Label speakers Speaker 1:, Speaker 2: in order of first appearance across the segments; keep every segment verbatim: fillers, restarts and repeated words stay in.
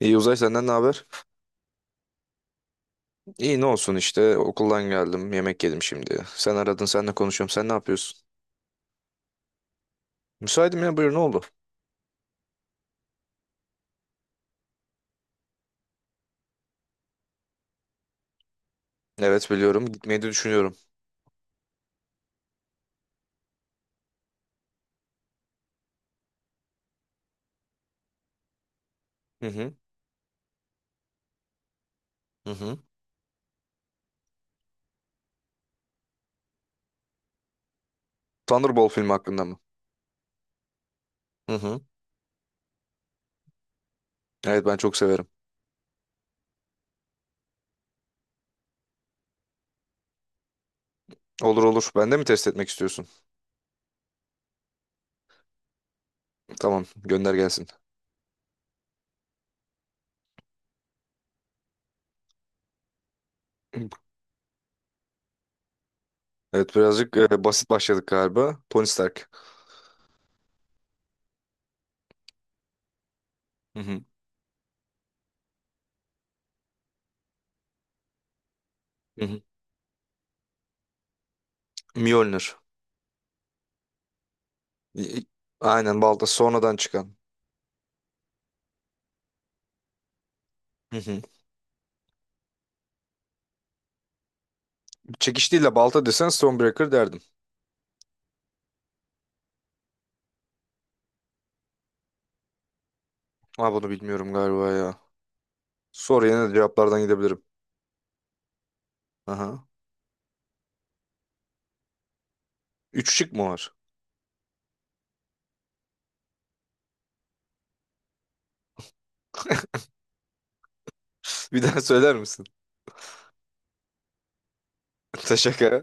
Speaker 1: İyi Uzay, senden ne haber? İyi, ne olsun işte, okuldan geldim, yemek yedim şimdi. Sen aradın, senle konuşuyorum, sen ne yapıyorsun? Müsaitim ya, buyur, ne oldu? Evet biliyorum, gitmeyi de düşünüyorum. Hı hı, hı hı. Thunderbolt filmi hakkında mı? Hı hı. Evet, ben çok severim. Olur olur, ben de mi test etmek istiyorsun? Tamam, gönder gelsin. Evet, birazcık e, basit başladık galiba. Tony Stark. Hı hı. Hı hı. Mjolnir. İ- Aynen, balta sonradan çıkan. Hı hı. Çekiç değil de balta desen Stonebreaker derdim. Ha, bunu bilmiyorum galiba ya. Sor, yine de cevaplardan gidebilirim. Aha. Üç şık mı var? Bir daha söyler misin? Taşaka.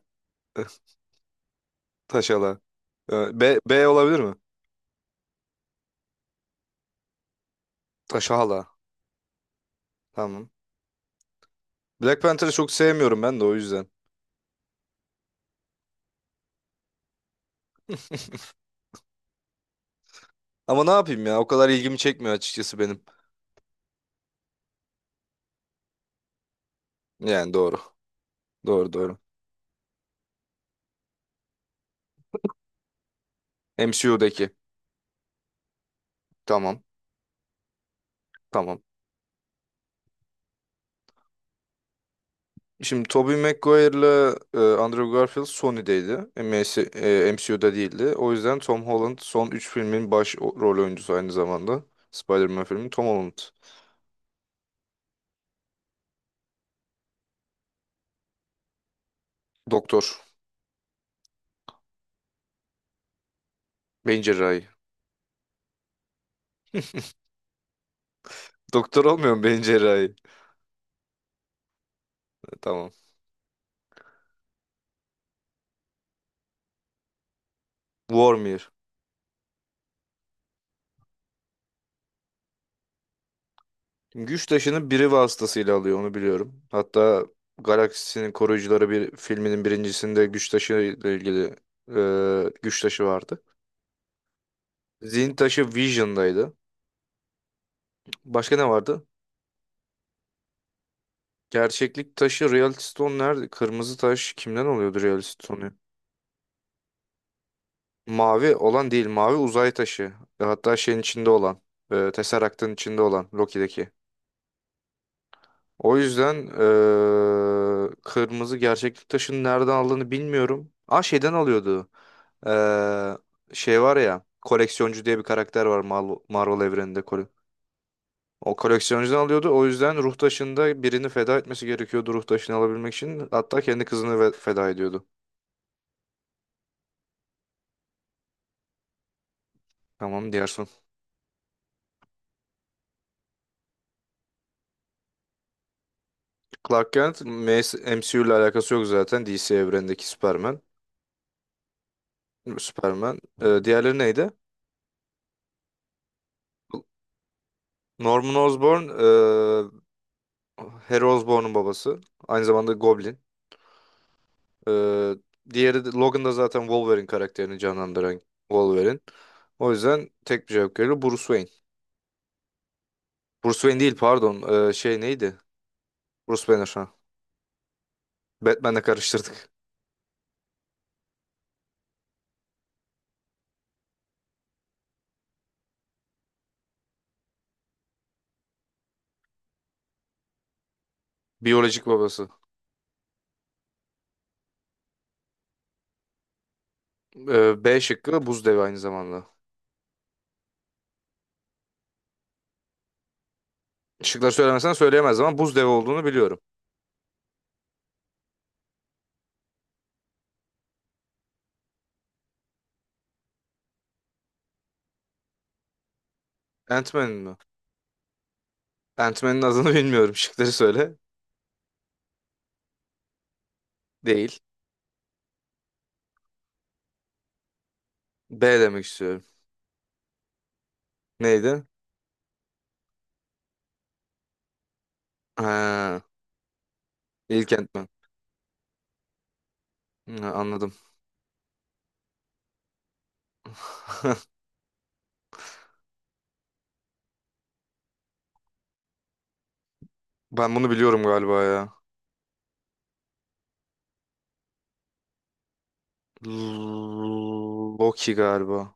Speaker 1: Taşala. Ee, B, B olabilir mi? Taşala. Tamam. Black Panther'ı çok sevmiyorum ben de o yüzden. Ama ne yapayım ya? O kadar ilgimi çekmiyor açıkçası benim. Yani doğru. Doğru doğru. M C U'daki. Tamam. Tamam. Şimdi Tobey Maguire'la e, Andrew Garfield Sony'deydi. M S, e, M C U'da değildi. O yüzden Tom Holland son üç filmin baş o- rol oyuncusu aynı zamanda. Spider-Man filmi Tom Holland. Doktor. Beyin cerrahi. Doktor olmuyor mu beyin cerrahi? E, Tamam. Vormir. Güç taşını biri vasıtasıyla alıyor, onu biliyorum. Hatta Galaksinin Koruyucuları bir filminin birincisinde güç taşı ile ilgili e, güç taşı vardı. Zihin taşı Vision'daydı. Başka ne vardı? Gerçeklik taşı Reality Stone nerede? Kırmızı taş kimden oluyordu Reality Stone'u? Mavi olan değil, mavi uzay taşı. Hatta şeyin içinde olan, e, Tesseract'ın içinde olan Loki'deki. O yüzden eee, kırmızı gerçeklik taşını nereden aldığını bilmiyorum. Aa, şeyden alıyordu. Eee, şey var ya, koleksiyoncu diye bir karakter var Mal- Marvel evreninde. kole- O koleksiyoncudan alıyordu. O yüzden ruh taşında birini feda etmesi gerekiyordu, ruh taşını alabilmek için. Hatta kendi kızını ve- feda ediyordu. Tamam, diğer son. Clark Kent M S M C U ile alakası yok zaten. D C evrenindeki Superman. Superman. Eee diğerleri neydi? Norman Osborn Harry Osborn'un babası. Aynı zamanda Goblin. Ee, diğeri de, Logan da zaten Wolverine karakterini canlandıran Wolverine. O yüzden tek bir cevap geliyor. Bruce Wayne. Bruce Wayne değil, pardon. Ee, şey neydi? Bruce Banner, ha. Batman'le karıştırdık. Biyolojik babası. Ee, B şıkkı buz devi aynı zamanda. Şıkları söylemesen söyleyemez ama buz devi olduğunu biliyorum. Ant-Man'in mi? Ant-Man'in adını bilmiyorum. Şıkları söyle. Değil. B demek istiyorum. Neydi? Ha, ilk Ant-Man. Ha, anladım. Ben bunu biliyorum galiba ya. L- Loki galiba.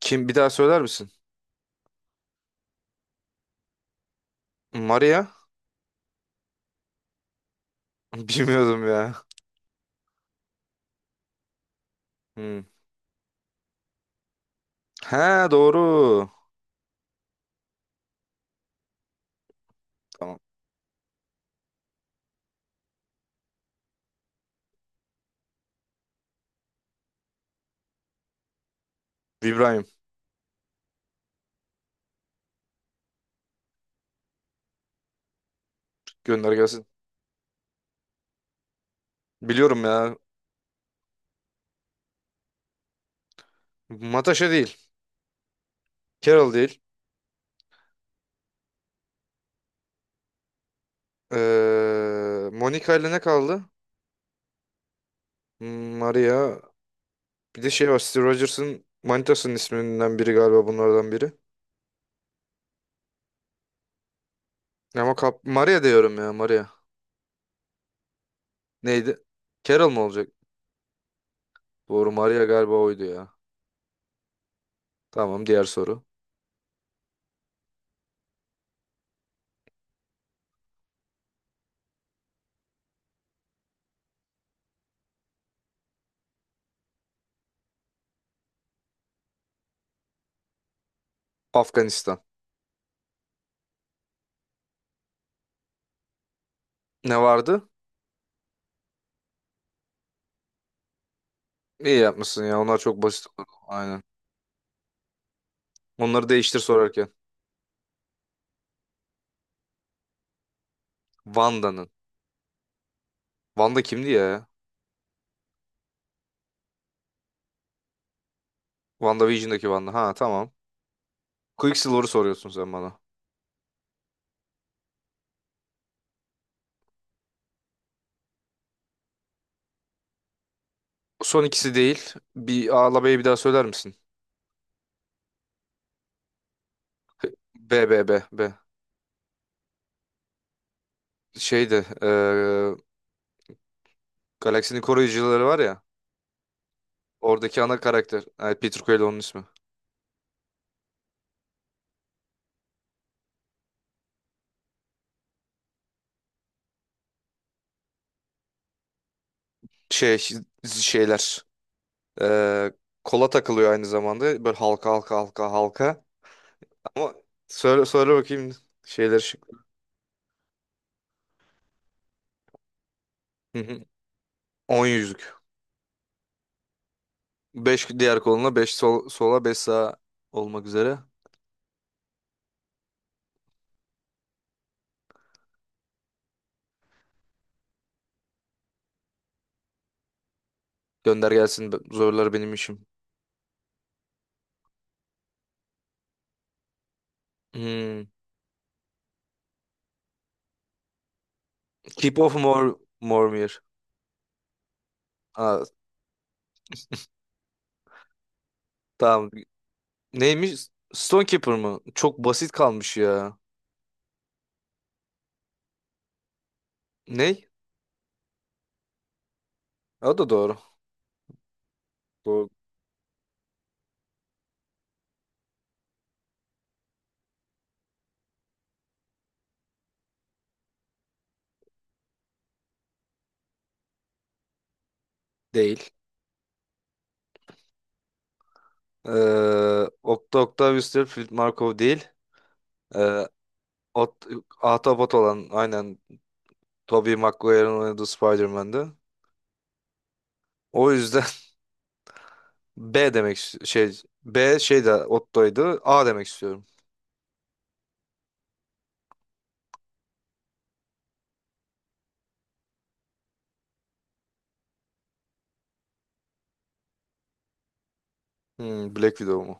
Speaker 1: Kim, bir daha söyler misin? Maria? Bilmiyordum ya. Hmm. He, doğru. Tamam. İbrahim, gönder gelsin. Biliyorum ya. Natasha değil. Carol değil. Ee, Monica ile ne kaldı? Hmm, Maria. Bir de şey var. Steve Rogers'ın manitasının isminden biri galiba bunlardan biri. Ama kap, Maria diyorum ya, Maria. Neydi? Carol mu olacak? Doğru, Maria galiba oydu ya. Tamam, diğer soru. Afganistan. Ne vardı? İyi yapmışsın ya. Onlar çok basit oldu. Aynen. Onları değiştir sorarken. Wanda'nın. Wanda kimdi ya? WandaVision'daki Wanda. Ha, tamam. Quicksilver'ı soruyorsun sen bana. Son ikisi değil. Bir A'la B'yi bir daha söyler misin? B, B, B, B. Şeyde. eee Galaksinin koruyucuları var ya. Oradaki ana karakter. Evet, Peter Quill onun ismi. Şey, şeyler. eee, kola takılıyor aynı zamanda. Böyle halka halka halka halka. Ama söyle, söyle bakayım, şeyler. Hı hı. on yüzlük. beş diğer koluna, beş sol, sola, beş sağa olmak üzere. Gönder gelsin. be- Zorlar benim işim. Hmm. Keep of more Mormir. Aa, tamam. Neymiş? Stonekeeper mı? Çok basit kalmış ya. Ney? O da doğru. Doğru. Değil. Ee, Okta Octavius Field Markov değil. Ee, Ot Ahtapot olan aynen Tobey Maguire'ın oynadığı Spider-Man'di. O yüzden B demek ist- şey, B, şey de Otto'ydu. A demek istiyorum. Hmm, Black Widow mu?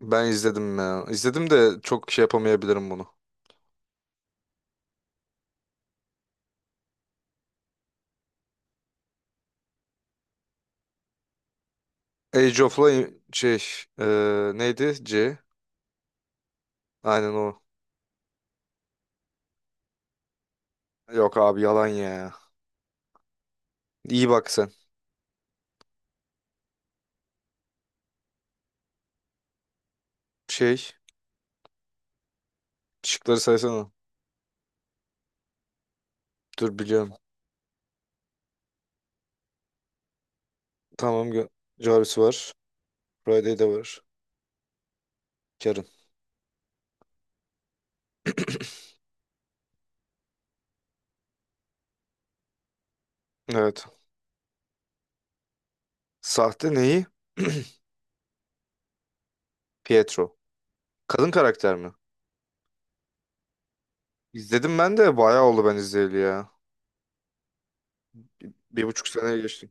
Speaker 1: Ben izledim ya. İzledim de çok şey yapamayabilirim bunu. Age of Lion şey, eee, neydi? C. Aynen o. Yok abi, yalan ya. İyi bak sen. Şey, şıkları saysana. Dur, biliyorum. Tamam gö- Jarvis var. Friday de var. Karen. Evet. Sahte neyi? Pietro. Kadın karakter mi? İzledim, ben de bayağı oldu ben izleyeli ya. Bir, bir buçuk sene geçti.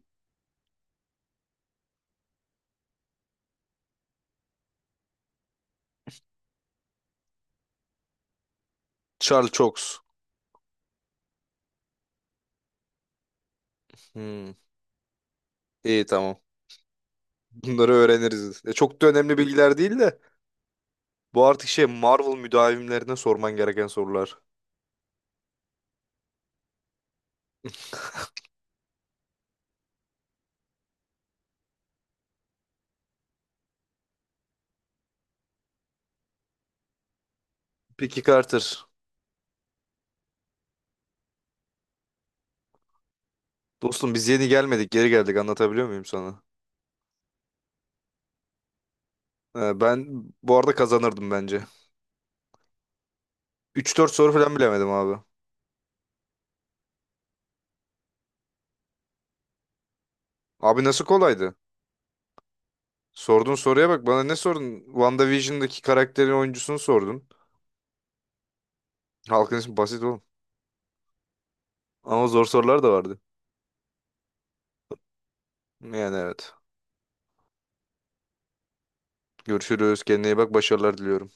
Speaker 1: Charles Cox. Hmm. İyi, tamam. Bunları öğreniriz. E, çok da önemli bilgiler değil de bu artık şey, Marvel müdavimlerine sorman gereken sorular. Peki Carter. Dostum, biz yeni gelmedik, geri geldik, anlatabiliyor muyum sana? E, ben bu arada kazanırdım bence. Üç dört soru falan bilemedim abi. Abi, nasıl kolaydı? Sorduğun soruya bak, bana ne sordun? WandaVision'daki karakterin oyuncusunu sordun. Halkın ismi basit oğlum. Ama zor sorular da vardı. Yani evet. Görüşürüz. Kendine iyi bak. Başarılar diliyorum.